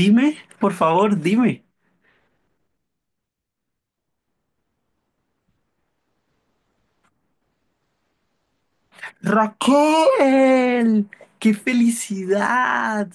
Dime, por favor, dime. Raquel, qué felicidad,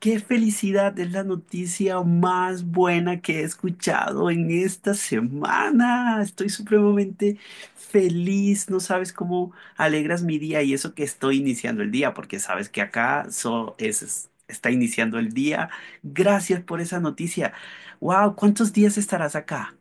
qué felicidad. Es la noticia más buena que he escuchado en esta semana. Estoy supremamente feliz. No sabes cómo alegras mi día y eso que estoy iniciando el día, porque sabes que acá está iniciando el día. Gracias por esa noticia. Wow, ¿cuántos días estarás acá?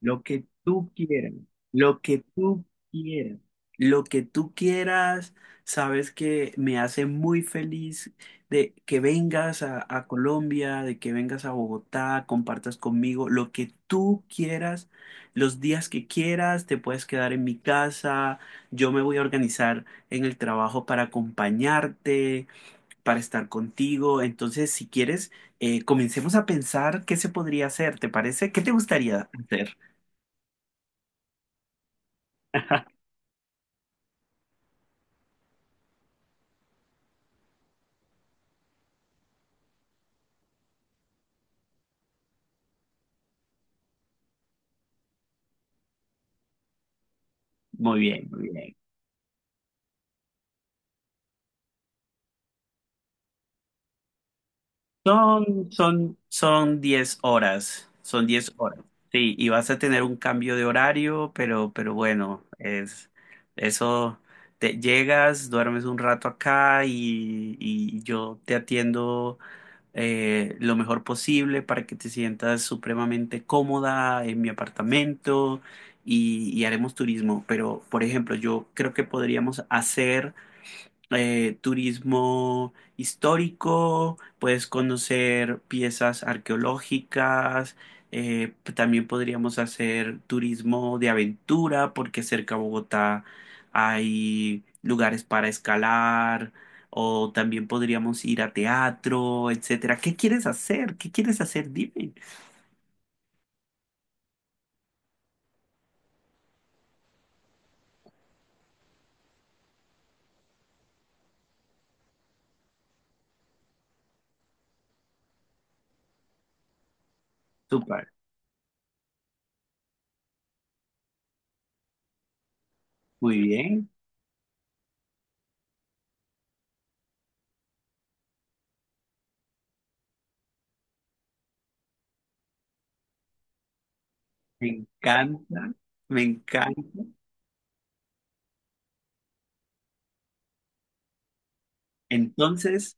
Lo que tú quieras, lo que tú quieras, lo que tú quieras, sabes que me hace muy feliz de que vengas a Colombia, de que vengas a Bogotá, compartas conmigo lo que tú quieras, los días que quieras, te puedes quedar en mi casa, yo me voy a organizar en el trabajo para acompañarte, para estar contigo. Entonces, si quieres, comencemos a pensar qué se podría hacer, ¿te parece? ¿Qué te gustaría hacer? Muy bien, muy bien. Son 10 horas, son 10 horas. Sí, y vas a tener un cambio de horario, pero bueno, es eso, te llegas, duermes un rato acá y yo te atiendo lo mejor posible para que te sientas supremamente cómoda en mi apartamento y haremos turismo. Pero, por ejemplo, yo creo que podríamos hacer turismo histórico, puedes conocer piezas arqueológicas, también podríamos hacer turismo de aventura porque cerca a Bogotá hay lugares para escalar o también podríamos ir a teatro, etcétera. ¿Qué quieres hacer? ¿Qué quieres hacer? Dime. Súper, muy bien, me encanta, me encanta. Entonces.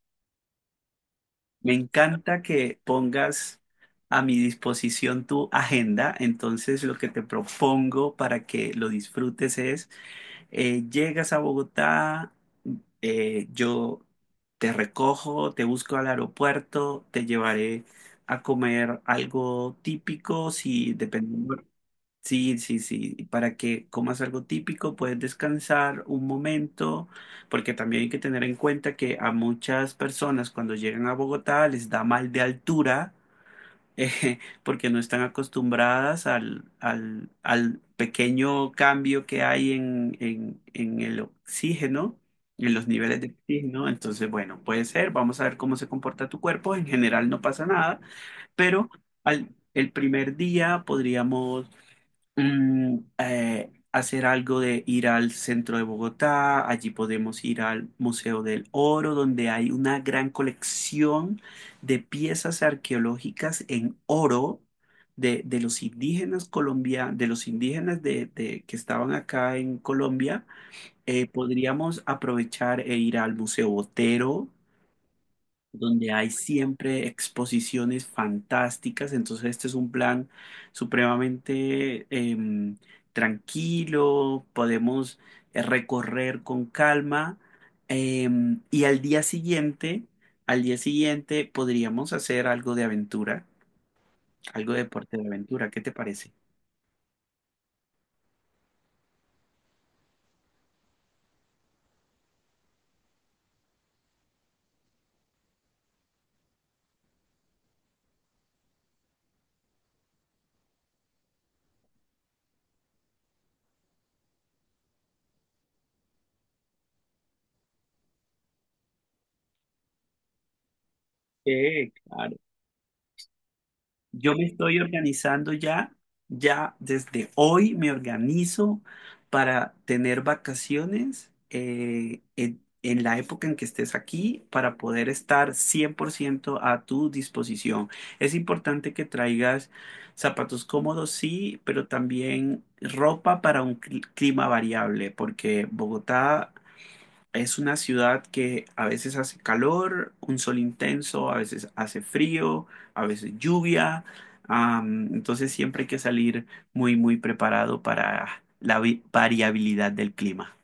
Me encanta que pongas a mi disposición tu agenda, entonces lo que te propongo para que lo disfrutes es, llegas a Bogotá, yo te recojo, te busco al aeropuerto, te llevaré a comer algo típico, si depende. Sí, sí, sí, y para que comas algo típico, puedes descansar un momento, porque también hay que tener en cuenta que a muchas personas cuando llegan a Bogotá les da mal de altura, porque no están acostumbradas al pequeño cambio que hay en el oxígeno, en los niveles de oxígeno. Entonces, bueno, puede ser, vamos a ver cómo se comporta tu cuerpo. En general no pasa nada, pero al, el primer día podríamos hacer algo de ir al centro de Bogotá, allí podemos ir al Museo del Oro, donde hay una gran colección de piezas arqueológicas en oro de los indígenas colombianos, de los indígenas que estaban acá en Colombia. Podríamos aprovechar e ir al Museo Botero donde hay siempre exposiciones fantásticas. Entonces este es un plan supremamente tranquilo, podemos recorrer con calma. Y al día siguiente podríamos hacer algo de aventura, algo de deporte de aventura. ¿Qué te parece? Sí, claro. Yo me estoy organizando ya, ya desde hoy me organizo para tener vacaciones en la época en que estés aquí para poder estar 100% a tu disposición. Es importante que traigas zapatos cómodos, sí, pero también ropa para un clima variable, porque Bogotá es una ciudad que a veces hace calor, un sol intenso, a veces hace frío, a veces lluvia. Entonces, siempre hay que salir muy, muy preparado para la variabilidad del clima.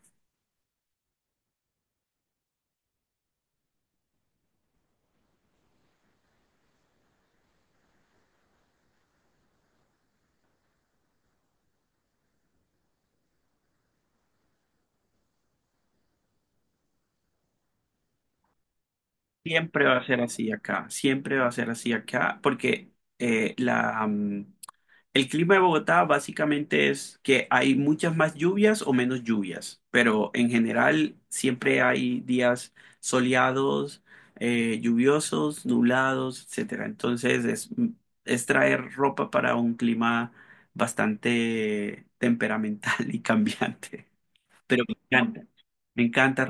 Siempre va a ser así acá, siempre va a ser así acá, porque eh, la, el clima de Bogotá básicamente es que hay muchas más lluvias o menos lluvias, pero en general siempre hay días soleados, lluviosos, nublados, etcétera. Entonces es traer ropa para un clima bastante temperamental y cambiante, pero me encanta. Me encanta.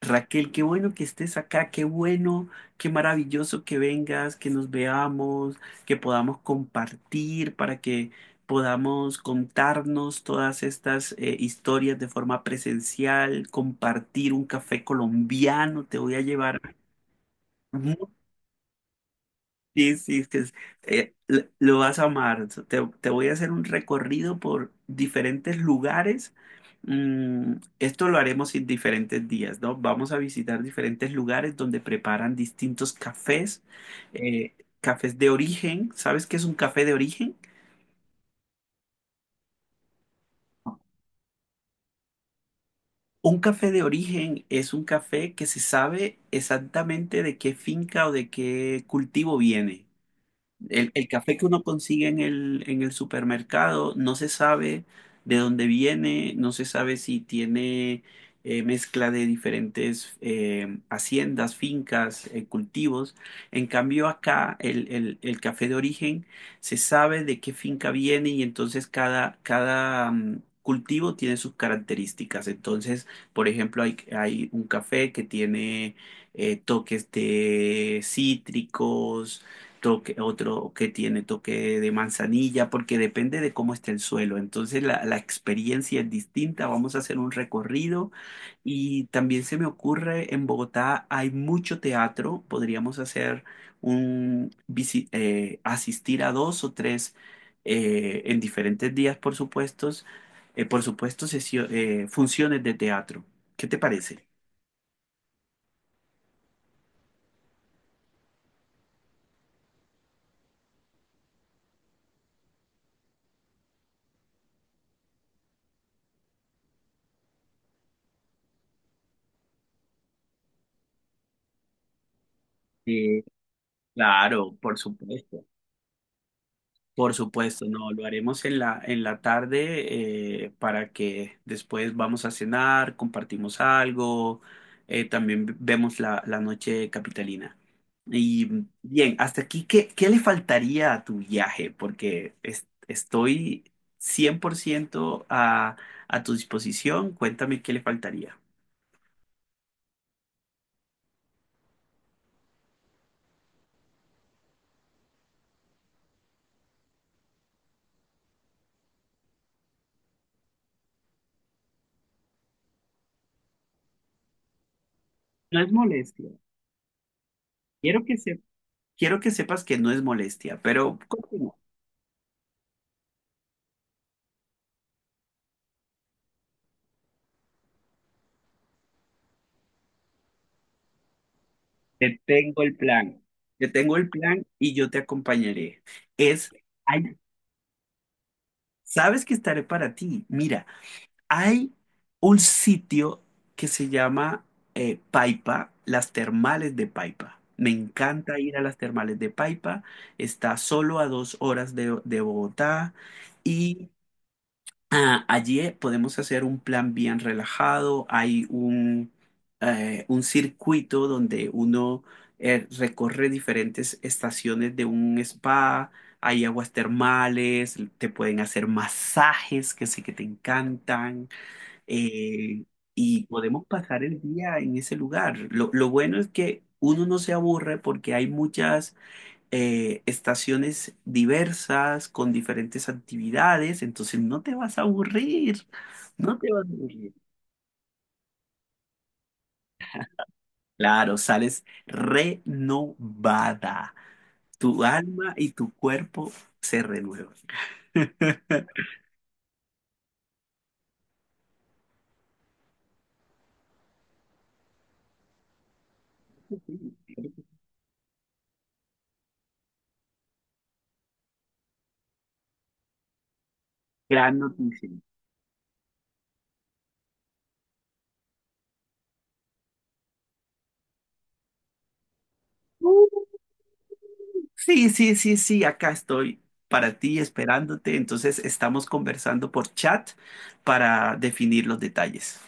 Raquel, qué bueno que estés acá, qué bueno, qué maravilloso que vengas, que nos veamos, que podamos compartir para que podamos contarnos todas estas historias de forma presencial, compartir un café colombiano, te voy a llevar. Sí, sí, es que es- l- lo vas a amar. Te voy a hacer un recorrido por diferentes lugares. Mm, Esto lo haremos en diferentes días, ¿no? Vamos a visitar diferentes lugares donde preparan distintos cafés, eh, cafés de origen. ¿Sabes qué es un café de origen? Un café de origen es un café que se sabe exactamente de qué finca o de qué cultivo viene. El café que uno consigue en el supermercado no se sabe de dónde viene, no se sabe si tiene mezcla de diferentes haciendas, fincas, cultivos. En cambio acá el café de origen se sabe de qué finca viene y entonces cultivo tiene sus características. Entonces, por ejemplo, hay un café que tiene toques de cítricos otro que tiene toque de manzanilla, porque depende de cómo esté el suelo. Entonces la experiencia es distinta, vamos a hacer un recorrido, y también se me ocurre, en Bogotá hay mucho teatro, podríamos hacer asistir a dos o tres en diferentes días, por supuesto, funciones de teatro. ¿Qué te parece? Sí, claro, por supuesto. Por supuesto, no, lo haremos en en la tarde para que después vamos a cenar, compartimos algo, también vemos la noche capitalina. Y bien, hasta aquí, ¿qué le faltaría a tu viaje? Porque estoy 100% a tu disposición. Cuéntame qué le faltaría. No es molestia. Quiero que se... Quiero que sepas que no es molestia, pero continúa. Te tengo el plan. Te tengo el plan y yo te acompañaré. Es, hay- sabes que estaré para ti. Mira, hay un sitio que se llama Paipa, las termales de Paipa. Me encanta ir a las termales de Paipa. Está solo a 2 horas de Bogotá y allí podemos hacer un plan bien relajado. Hay un circuito donde uno recorre diferentes estaciones de un spa. Hay aguas termales, te pueden hacer masajes que sé que te encantan. eh, y podemos pasar el día en ese lugar. Lo bueno es que uno no se aburre porque hay muchas estaciones diversas, con diferentes actividades, entonces no te vas a aburrir, no te vas a aburrir. Claro, sales renovada, tu alma y tu cuerpo se renuevan. Gran noticia. Sí, sí, sí, sí, acá estoy para ti esperándote, entonces estamos conversando por chat para definir los detalles.